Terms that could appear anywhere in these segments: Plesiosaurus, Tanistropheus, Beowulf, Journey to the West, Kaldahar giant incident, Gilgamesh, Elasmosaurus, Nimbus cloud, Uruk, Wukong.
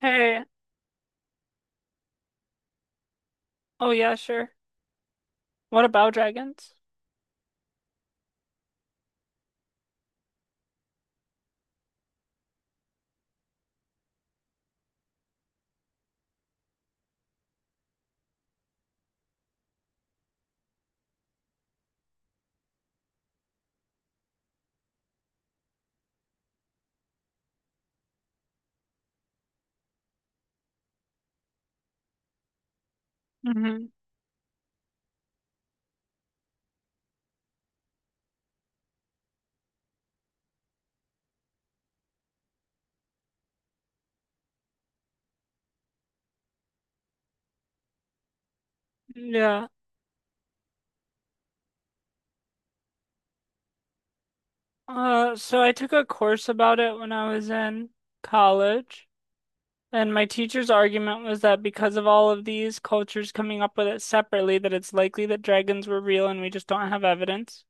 Hey, oh yeah, sure. What about dragons? Hmm. Yeah. So I took a course about it when I was in college, and my teacher's argument was that because of all of these cultures coming up with it separately, that it's likely that dragons were real and we just don't have evidence.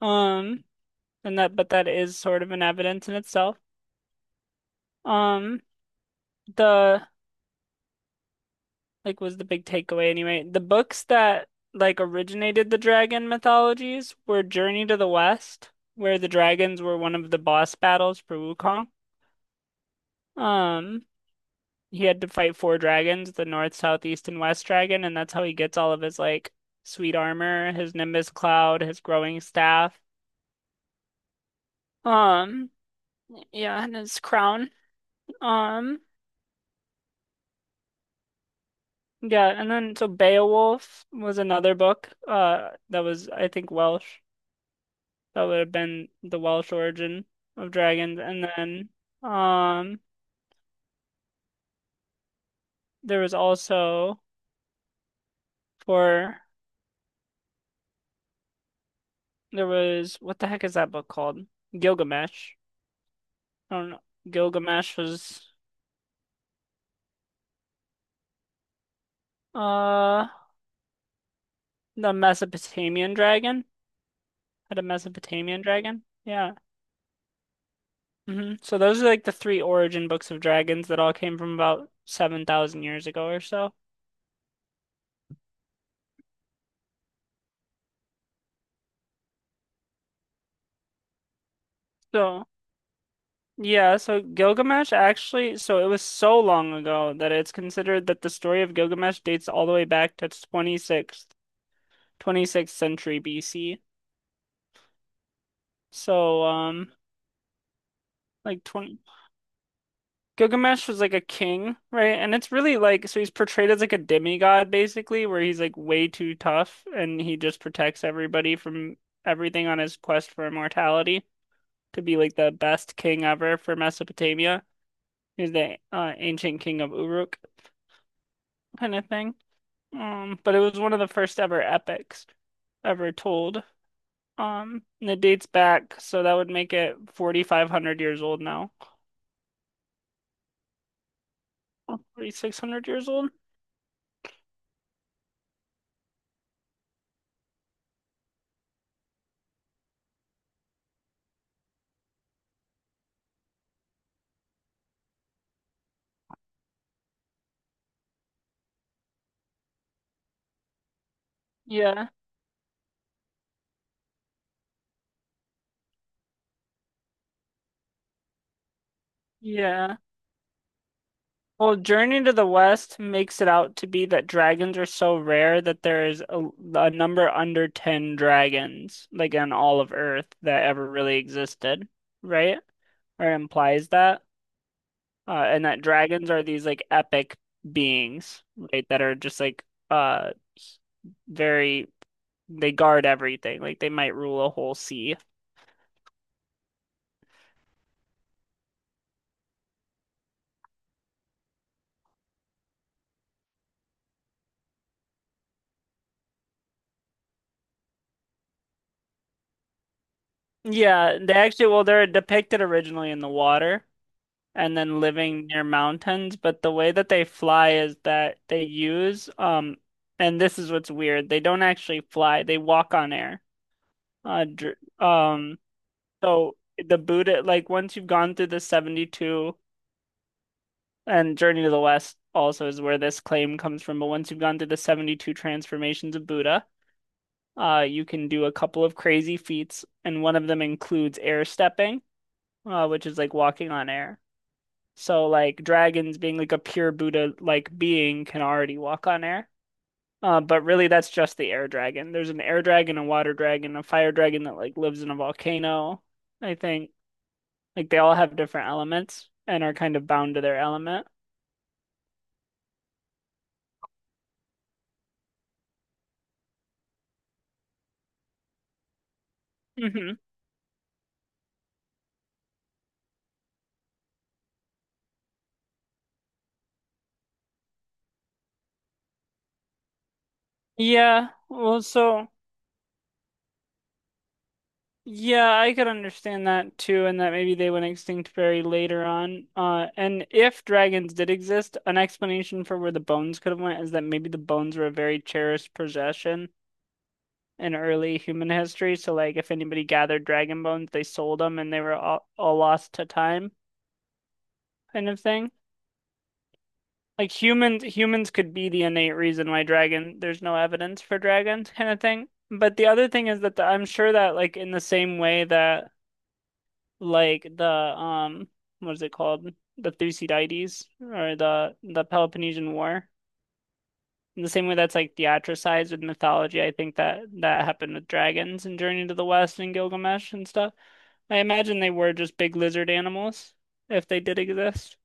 Um, and that, but that is sort of an evidence in itself. Um, the like was the big takeaway anyway. The books that like originated the dragon mythologies were Journey to the West, where the dragons were one of the boss battles for Wukong. Um, he had to fight four dragons, the North, South, East, and West dragon, and that's how he gets all of his like sweet armor, his Nimbus cloud, his growing staff. Um, yeah, and his crown. Um, yeah, and then so Beowulf was another book, that was I think Welsh. That would have been the Welsh origin of dragons. And then um there was also for there was what the heck is that book called? Gilgamesh. I don't know. Gilgamesh was uh the Mesopotamian dragon. Had a Mesopotamian dragon. Yeah. Hmm. So those are like the three origin books of dragons that all came from about 7,000 years ago or so. So Yeah, so Gilgamesh actually, so it was so long ago that it's considered that the story of Gilgamesh dates all the way back to 26th century BC. So, like 20, Gilgamesh was like a king, right? And it's really like, so he's portrayed as like a demigod basically, where he's like way too tough and he just protects everybody from everything on his quest for immortality to be like the best king ever for Mesopotamia. He's the ancient king of Uruk kind of thing. But it was one of the first ever epics ever told. And it dates back, so that would make it 4,500 years old now. 4,600 years old? Yeah. Yeah. Well, Journey to the West makes it out to be that dragons are so rare that there is a number under 10 dragons, like on all of Earth, that ever really existed, right? Or implies that. And that dragons are these like epic beings, right? That are just like uh very they guard everything. Like they might rule a whole sea. Yeah, they actually well they're depicted originally in the water and then living near mountains, but the way that they fly is that they use and this is what's weird. They don't actually fly. They walk on air. Dr um so the Buddha like once you've gone through the 72 And Journey to the West also is where this claim comes from. But once you've gone through the 72 transformations of Buddha, you can do a couple of crazy feats, and one of them includes air stepping, which is like walking on air. So like dragons being like a pure Buddha like being can already walk on air. But really that's just the air dragon. There's an air dragon, a water dragon, a fire dragon that like lives in a volcano, I think. Like they all have different elements and are kind of bound to their element. Hmm. Yeah, well, so yeah, I could understand that too, and that maybe they went extinct very later on. And if dragons did exist, an explanation for where the bones could have went is that maybe the bones were a very cherished possession in early human history. So, like, if anybody gathered dragon bones, they sold them, and they were all lost to time, kind of thing. Like humans could be the innate reason why dragon. There's no evidence for dragons, kind of thing. But the other thing is that I'm sure that like in the same way that like the what is it called? The Thucydides or the Peloponnesian War. In the same way that's like theatricized with mythology, I think that that happened with dragons and Journey to the West and Gilgamesh and stuff. I imagine they were just big lizard animals if they did exist.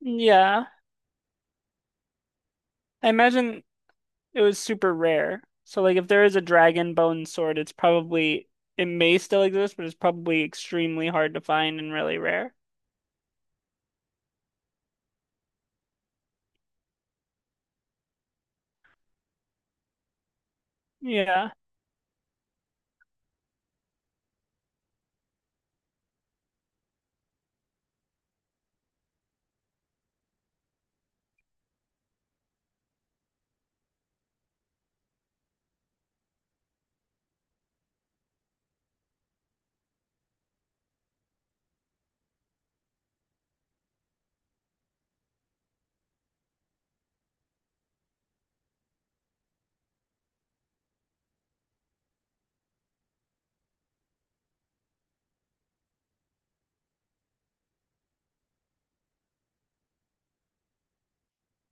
Yeah, I imagine it was super rare. So like if there is a dragon bone sword, it's probably it may still exist, but it's probably extremely hard to find and really rare. Yeah.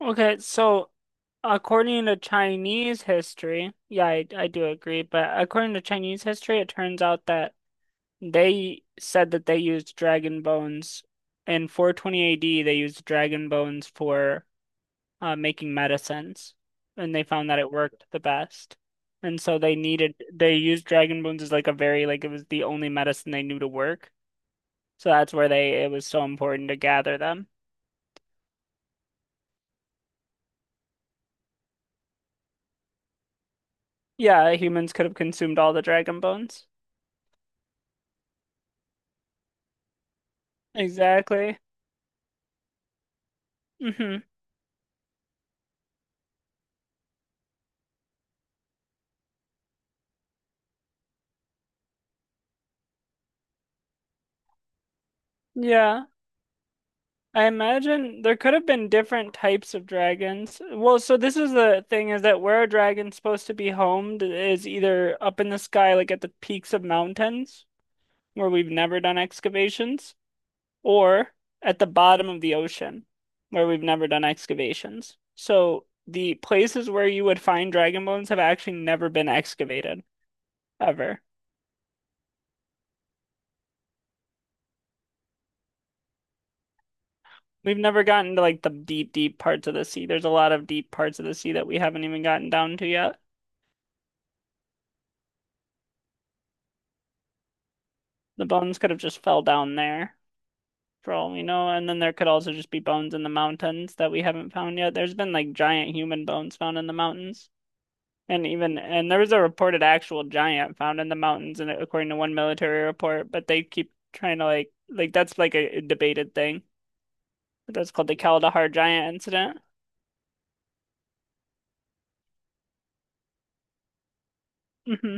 Okay, so according to Chinese history, yeah, I do agree, but according to Chinese history, it turns out that they said that they used dragon bones. In 420 AD, they used dragon bones for making medicines, and they found that it worked the best. And so they needed, they used dragon bones as like a very, like it was the only medicine they knew to work. So that's where they, it was so important to gather them. Yeah, humans could have consumed all the dragon bones. Exactly. Hmm. Yeah, I imagine there could have been different types of dragons. Well, so this is the thing is that where a dragon's supposed to be homed is either up in the sky, like at the peaks of mountains, where we've never done excavations, or at the bottom of the ocean, where we've never done excavations. So the places where you would find dragon bones have actually never been excavated, ever. We've never gotten to like the deep parts of the sea. There's a lot of deep parts of the sea that we haven't even gotten down to yet. The bones could have just fell down there for all we know, and then there could also just be bones in the mountains that we haven't found yet. There's been like giant human bones found in the mountains. And even and there was a reported actual giant found in the mountains and according to one military report, but they keep trying to like that's like a debated thing. That's called the Kaldahar giant incident. Hmm.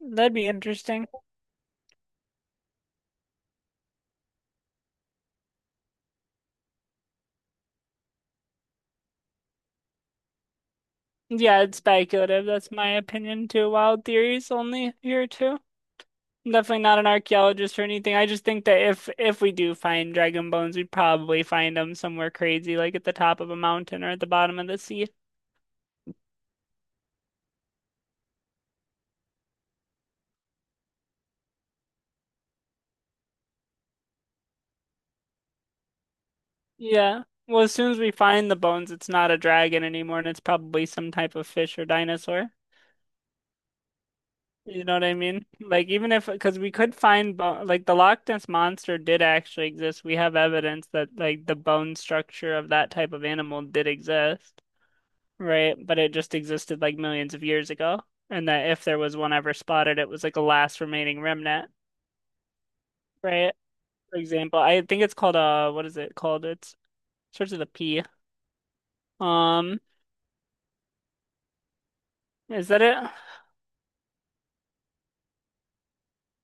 That'd be interesting. Yeah, it's speculative. That's my opinion too. Wild theories only here too. I'm definitely not an archaeologist or anything. I just think that if we do find dragon bones, we'd probably find them somewhere crazy, like at the top of a mountain or at the bottom of the sea. Yeah. Well, as soon as we find the bones, it's not a dragon anymore, and it's probably some type of fish or dinosaur. You know what I mean? Like even if because we could find bo like the Loch Ness monster did actually exist. We have evidence that like the bone structure of that type of animal did exist. Right? But it just existed like millions of years ago. And that if there was one ever spotted, it was like a last remaining remnant, right? For example, I think it's called what is it called? It's starts with a P. Um, is that it?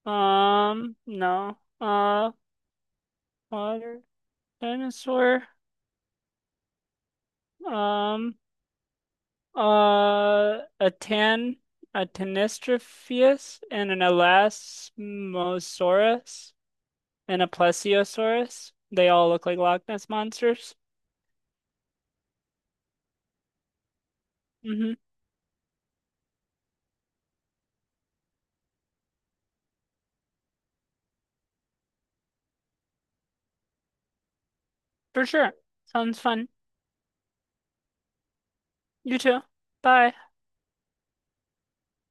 No. Water dinosaur. Um, a tan, a Tanistropheus and an Elasmosaurus and a Plesiosaurus. They all look like Loch Ness monsters. Mm-hmm. For sure. Sounds fun. You too. Bye.